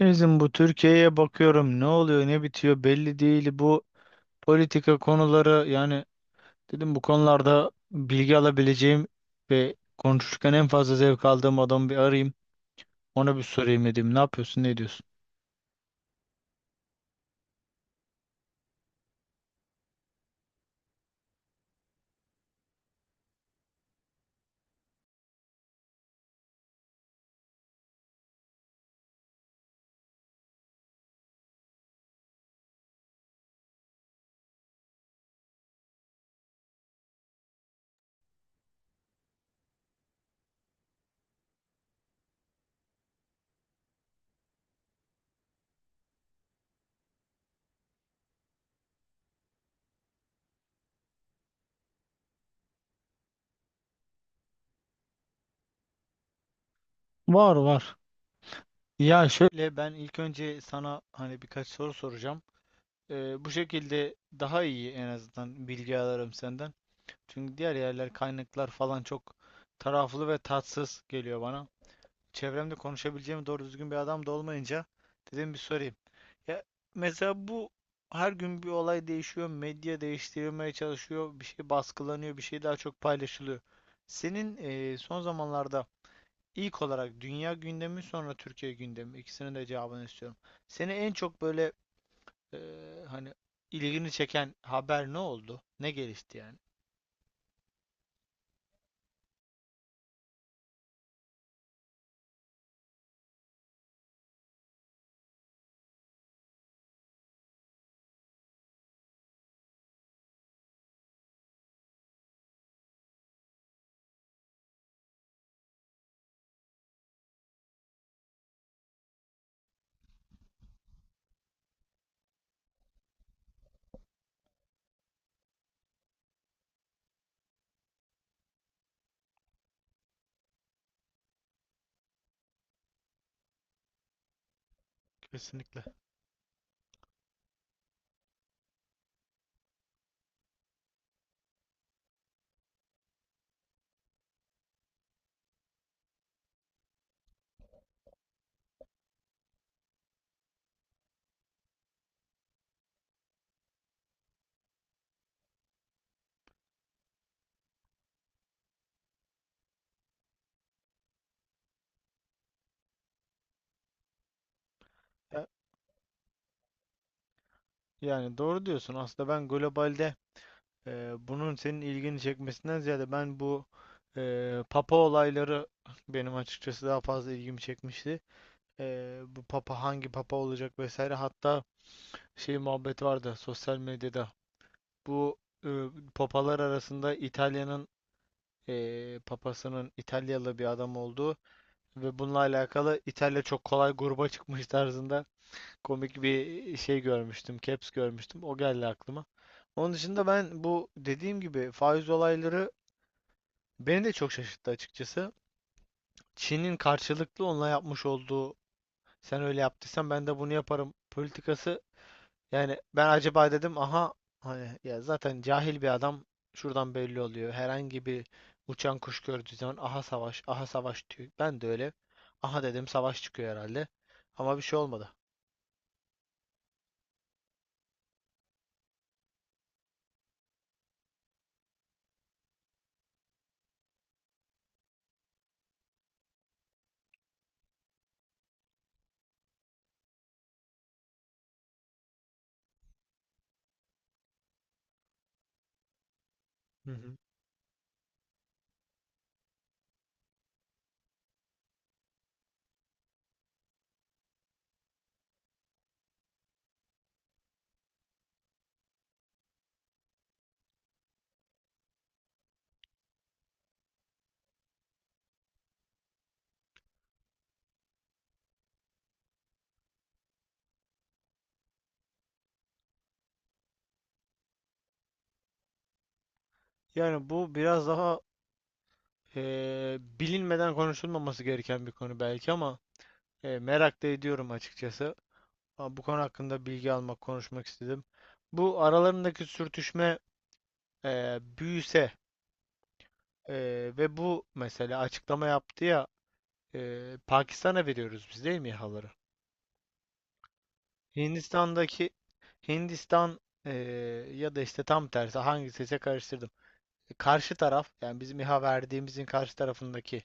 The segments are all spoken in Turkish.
Bizim bu Türkiye'ye bakıyorum, ne oluyor ne bitiyor belli değil, bu politika konuları yani. Dedim bu konularda bilgi alabileceğim ve konuşurken en fazla zevk aldığım adamı bir arayayım, ona bir sorayım. Dedim ne yapıyorsun, ne diyorsun? Var var. Ya şöyle, ben ilk önce sana hani birkaç soru soracağım. Bu şekilde daha iyi en azından bilgi alırım senden. Çünkü diğer yerler, kaynaklar falan çok taraflı ve tatsız geliyor bana. Çevremde konuşabileceğim doğru düzgün bir adam da olmayınca dedim bir sorayım. Ya mesela bu her gün bir olay değişiyor, medya değiştirilmeye çalışıyor, bir şey baskılanıyor, bir şey daha çok paylaşılıyor. Senin son zamanlarda ilk olarak dünya gündemi, sonra Türkiye gündemi, ikisinin de cevabını istiyorum. Seni en çok böyle hani ilgini çeken haber ne oldu? Ne gelişti yani? Kesinlikle. Ya- Yani doğru diyorsun. Aslında ben globalde, bunun senin ilgini çekmesinden ziyade ben bu e, papa olayları benim açıkçası daha fazla ilgimi çekmişti. Bu papa hangi papa olacak vesaire, hatta şey muhabbet vardı sosyal medyada. Bu e, papalar arasında İtalya'nın papasının İtalyalı bir adam olduğu ve bununla alakalı İtalya çok kolay gruba çıkmış tarzında komik bir şey görmüştüm, caps görmüştüm. O geldi aklıma. Onun dışında ben bu dediğim gibi faiz olayları beni de çok şaşırttı açıkçası. Çin'in karşılıklı onunla yapmış olduğu "sen öyle yaptıysan ben de bunu yaparım" politikası. Yani ben acaba dedim, aha, hani ya zaten cahil bir adam, şuradan belli oluyor. Herhangi bir uçan kuş gördüğü zaman aha savaş aha savaş diyor. Ben de öyle aha dedim, savaş çıkıyor herhalde. Ama bir şey olmadı. Hı hı. Yani bu biraz daha bilinmeden konuşulmaması gereken bir konu belki ama merak da ediyorum açıkçası. Ama bu konu hakkında bilgi almak, konuşmak istedim. Bu aralarındaki sürtüşme büyüse eee, ve bu mesela açıklama yaptı ya, İHA'ları veriyoruz biz değil mi, İHA'ları? Hindistan'daki Hindistan, eee, ya da işte tam tersi, hangisi ise karıştırdım. E, karşı taraf, yani bizim İHA verdiğimizin karşı tarafındaki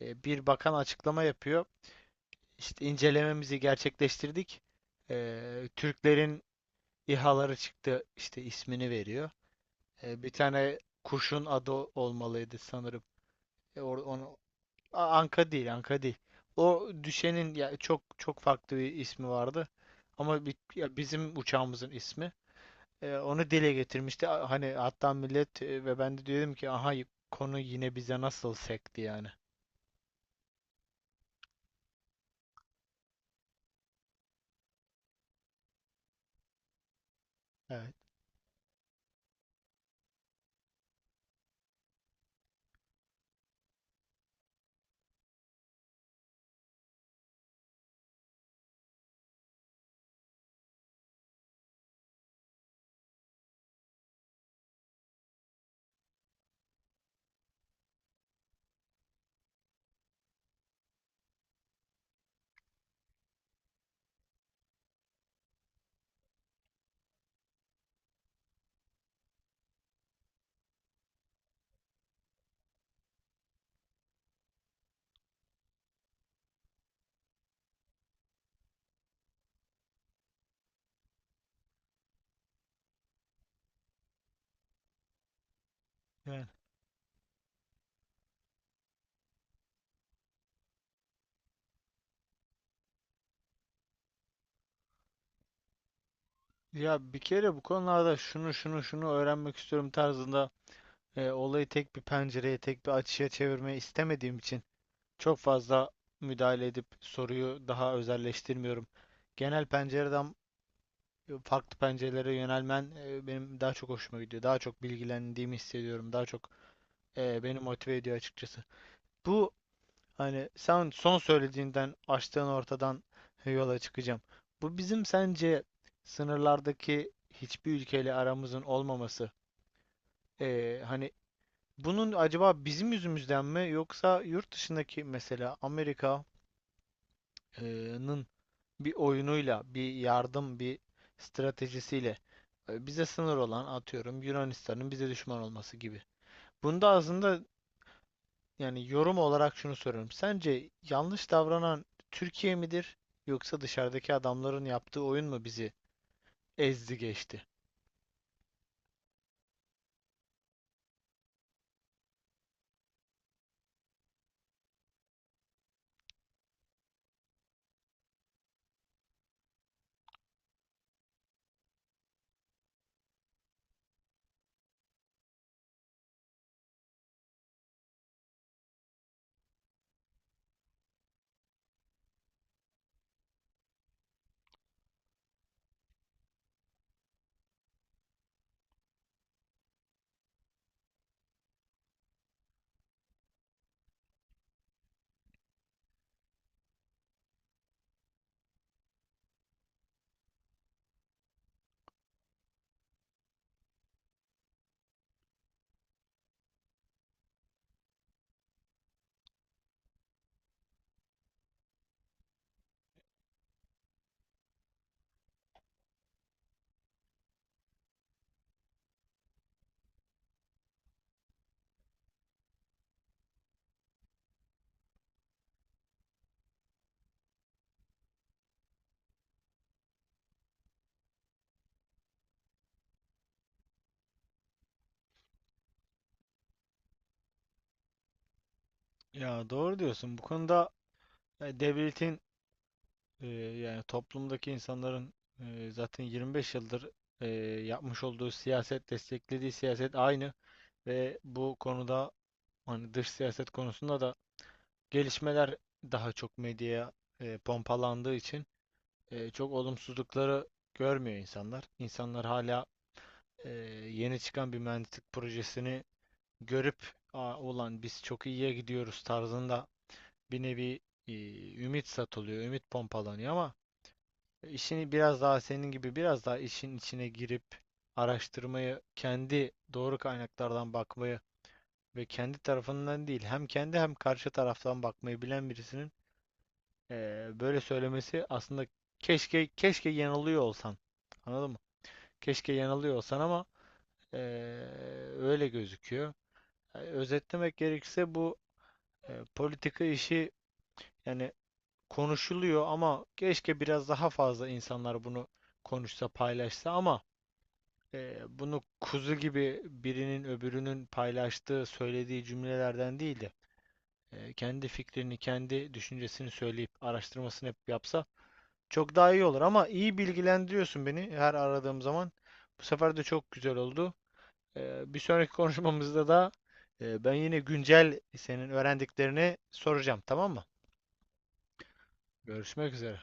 bir bakan açıklama yapıyor. İşte incelememizi gerçekleştirdik. Türklerin İHA'ları çıktı, işte ismini veriyor. E, bir tane kuşun adı olmalıydı sanırım. Onu, Anka değil, Anka değil. O düşenin ya çok çok farklı bir ismi vardı. Ama ya bizim uçağımızın ismi. E, onu dile getirmişti. Hani hatta millet e, ve ben de dedim ki aha, konu yine bize nasıl sekti yani. Evet. Yani. Ya bir kere bu konularda şunu şunu şunu öğrenmek istiyorum tarzında, e, olayı tek bir pencereye, tek bir açıya çevirmeyi istemediğim için çok fazla müdahale edip soruyu daha özelleştirmiyorum. Genel pencereden e, farklı pencerelere yönelmen e, benim daha çok hoşuma gidiyor. Daha çok bilgilendiğimi hissediyorum. Daha çok e, beni motive ediyor açıkçası. Bu, hani sen son söylediğinden, açtığın ortadan yola çıkacağım. Bu bizim sence sınırlardaki hiçbir ülkeyle aramızın olmaması. Hani bunun acaba bizim yüzümüzden mi, yoksa yurt dışındaki mesela Amerika'nın bir oyunuyla, bir yardım, bir stratejisiyle e, bize sınır olan, atıyorum, Yunanistan'ın bize düşman olması gibi. Bunda aslında, yani yorum olarak şunu soruyorum. Sence yanlış davranan Türkiye midir, yoksa dışarıdaki adamların yaptığı oyun mu bizi ezdi geçti? Ya doğru diyorsun. Bu konuda e, devletin e, yani toplumdaki insanların e, zaten 25 yıldır e, yapmış olduğu siyaset, desteklediği siyaset aynı ve bu konuda hani dış siyaset konusunda da gelişmeler daha çok medyaya e, pompalandığı için e, çok olumsuzlukları görmüyor insanlar. İnsanlar hala e, yeni çıkan bir mühendislik projesini görüp "Aa, ulan biz çok iyiye gidiyoruz" tarzında bir nevi e, ümit satılıyor, ümit pompalanıyor ama işini biraz daha senin gibi biraz daha işin içine girip araştırmayı, kendi doğru kaynaklardan bakmayı ve kendi tarafından değil, hem kendi hem karşı taraftan bakmayı bilen birisinin e, böyle söylemesi aslında, keşke yanılıyor olsan. Anladın mı? Keşke yanılıyor olsan ama e, öyle gözüküyor. E, özetlemek gerekirse bu e, politika işi yani konuşuluyor ama keşke biraz daha fazla insanlar bunu konuşsa, paylaşsa ama e, bunu kuzu gibi birinin öbürünün paylaştığı, söylediği cümlelerden değil de e, kendi fikrini, kendi düşüncesini söyleyip araştırmasını hep yapsa çok daha iyi olur. Ama iyi bilgilendiriyorsun beni her aradığım zaman. Bu sefer de çok güzel oldu. Bir sonraki konuşmamızda da e, ben yine güncel senin öğrendiklerini soracağım, tamam mı? Görüşmek üzere.